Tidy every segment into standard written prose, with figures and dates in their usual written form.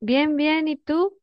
Bien, bien, ¿y tú?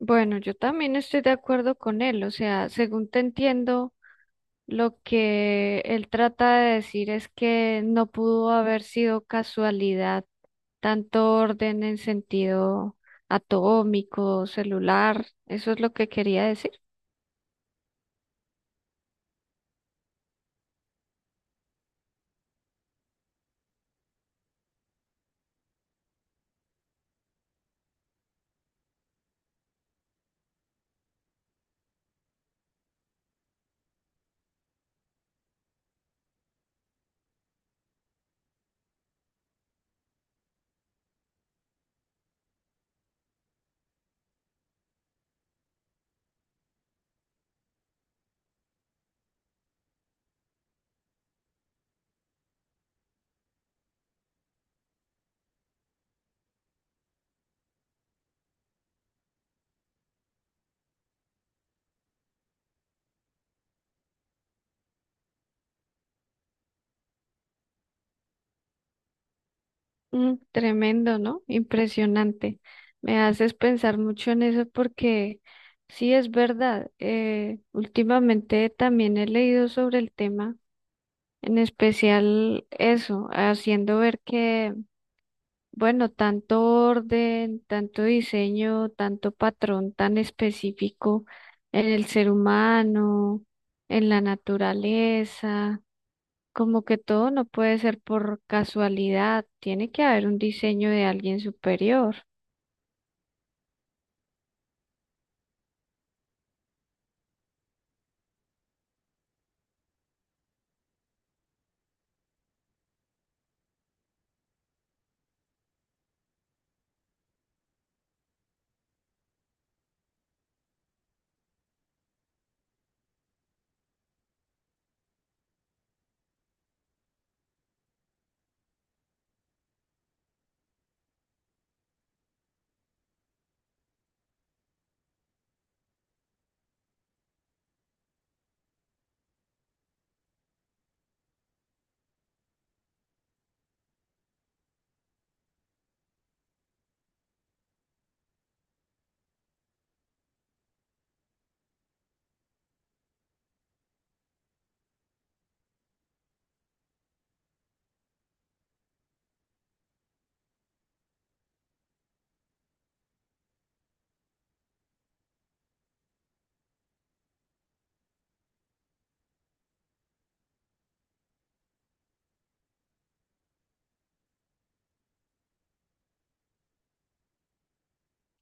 Bueno, yo también estoy de acuerdo con él, o sea, según te entiendo, lo que él trata de decir es que no pudo haber sido casualidad tanto orden en sentido atómico, celular, eso es lo que quería decir. Tremendo, ¿no? Impresionante. Me haces pensar mucho en eso porque sí es verdad, últimamente también he leído sobre el tema. En especial eso, haciendo ver que, bueno, tanto orden, tanto diseño, tanto patrón tan específico en el ser humano, en la naturaleza, como que todo no puede ser por casualidad, tiene que haber un diseño de alguien superior.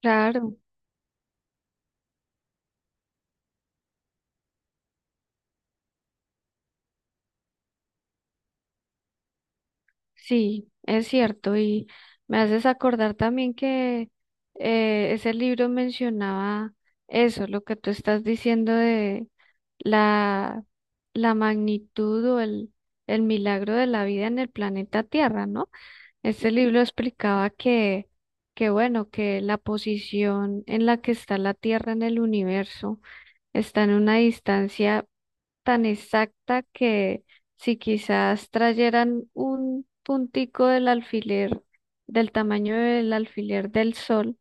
Claro. Sí, es cierto, y me haces acordar también que ese libro mencionaba eso, lo que tú estás diciendo de la, la magnitud o el milagro de la vida en el planeta Tierra, ¿no? Este libro explicaba que, bueno, que la posición en la que está la Tierra en el universo está en una distancia tan exacta que si quizás trayeran un puntico del alfiler, del tamaño del alfiler del sol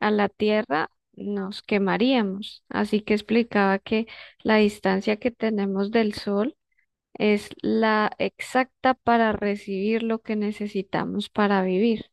a la Tierra, nos quemaríamos. Así que explicaba que la distancia que tenemos del sol es la exacta para recibir lo que necesitamos para vivir.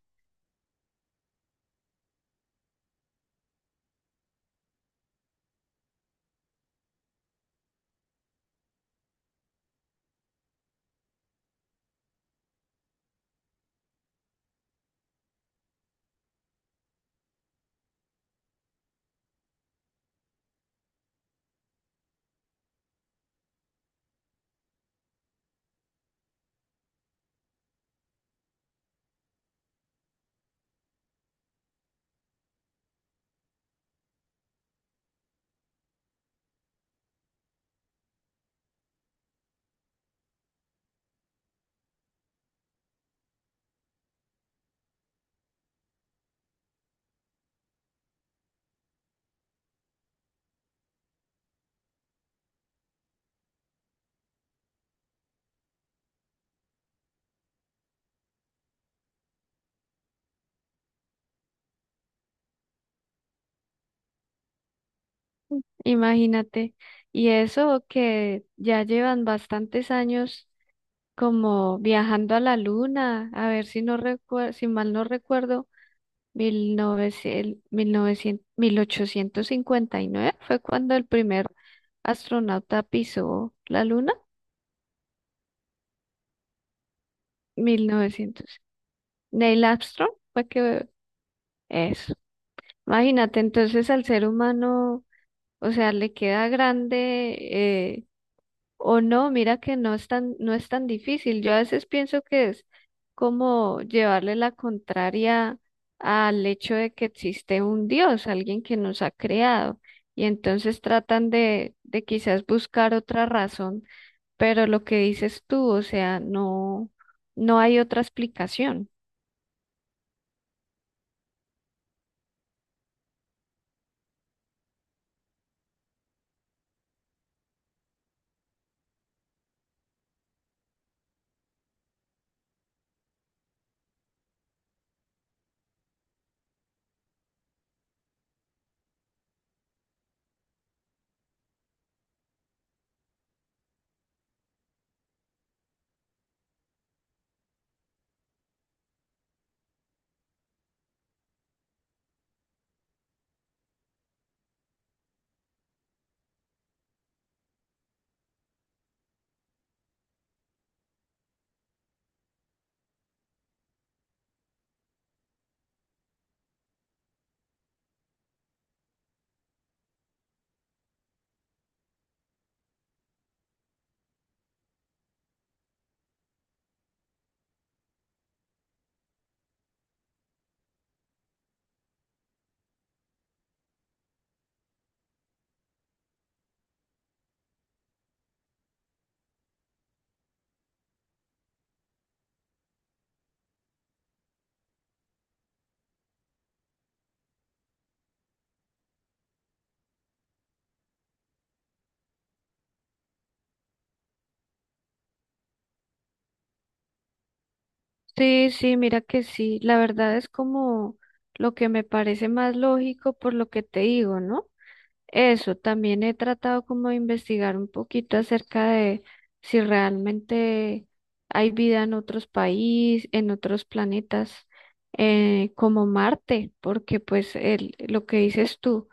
Imagínate. Y eso que ya llevan bastantes años como viajando a la luna. A ver, si no recuerdo, si mal no recuerdo, 1859 fue cuando el primer astronauta pisó la luna. 1900, Neil Armstrong fue que eso. Imagínate, entonces al ser humano, o sea, le queda grande o no, mira que no es tan, no es tan difícil. Yo a veces pienso que es como llevarle la contraria al hecho de que existe un Dios, alguien que nos ha creado. Y entonces tratan de, quizás buscar otra razón, pero lo que dices tú, o sea, no, no hay otra explicación. Sí, sí, mira que sí. La verdad es como lo que me parece más lógico por lo que te digo, ¿no? Eso, también he tratado como de investigar un poquito acerca de si realmente hay vida en otros países, en otros planetas, como Marte, porque pues el, lo que dices tú,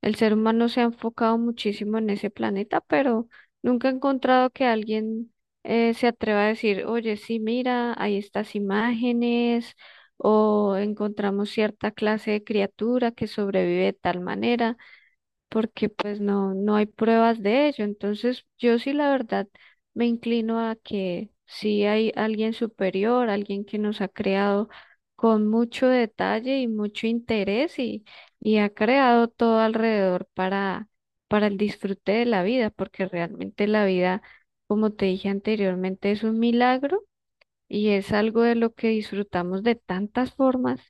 el ser humano se ha enfocado muchísimo en ese planeta, pero nunca he encontrado que alguien se atreva a decir: oye, sí, mira, hay estas imágenes, o encontramos cierta clase de criatura que sobrevive de tal manera, porque pues no, no hay pruebas de ello. Entonces, yo sí, la verdad, me inclino a que sí hay alguien superior, alguien que nos ha creado con mucho detalle y mucho interés, y ha creado todo alrededor para el disfrute de la vida, porque realmente la vida, como te dije anteriormente, es un milagro y es algo de lo que disfrutamos de tantas formas.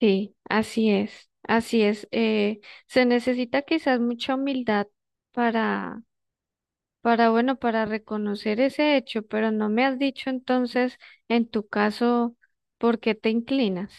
Sí, así es, así es. Se necesita quizás mucha humildad para, bueno, para reconocer ese hecho, pero no me has dicho entonces, en tu caso, por qué te inclinas.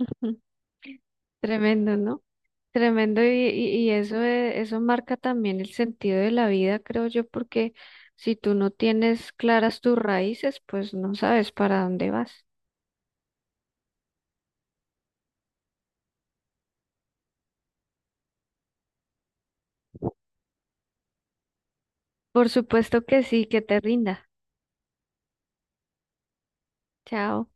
Tremendo, ¿no? Tremendo y eso, eso marca también el sentido de la vida, creo yo, porque si tú no tienes claras tus raíces, pues no sabes para dónde vas. Por supuesto que sí, que te rinda. Chao.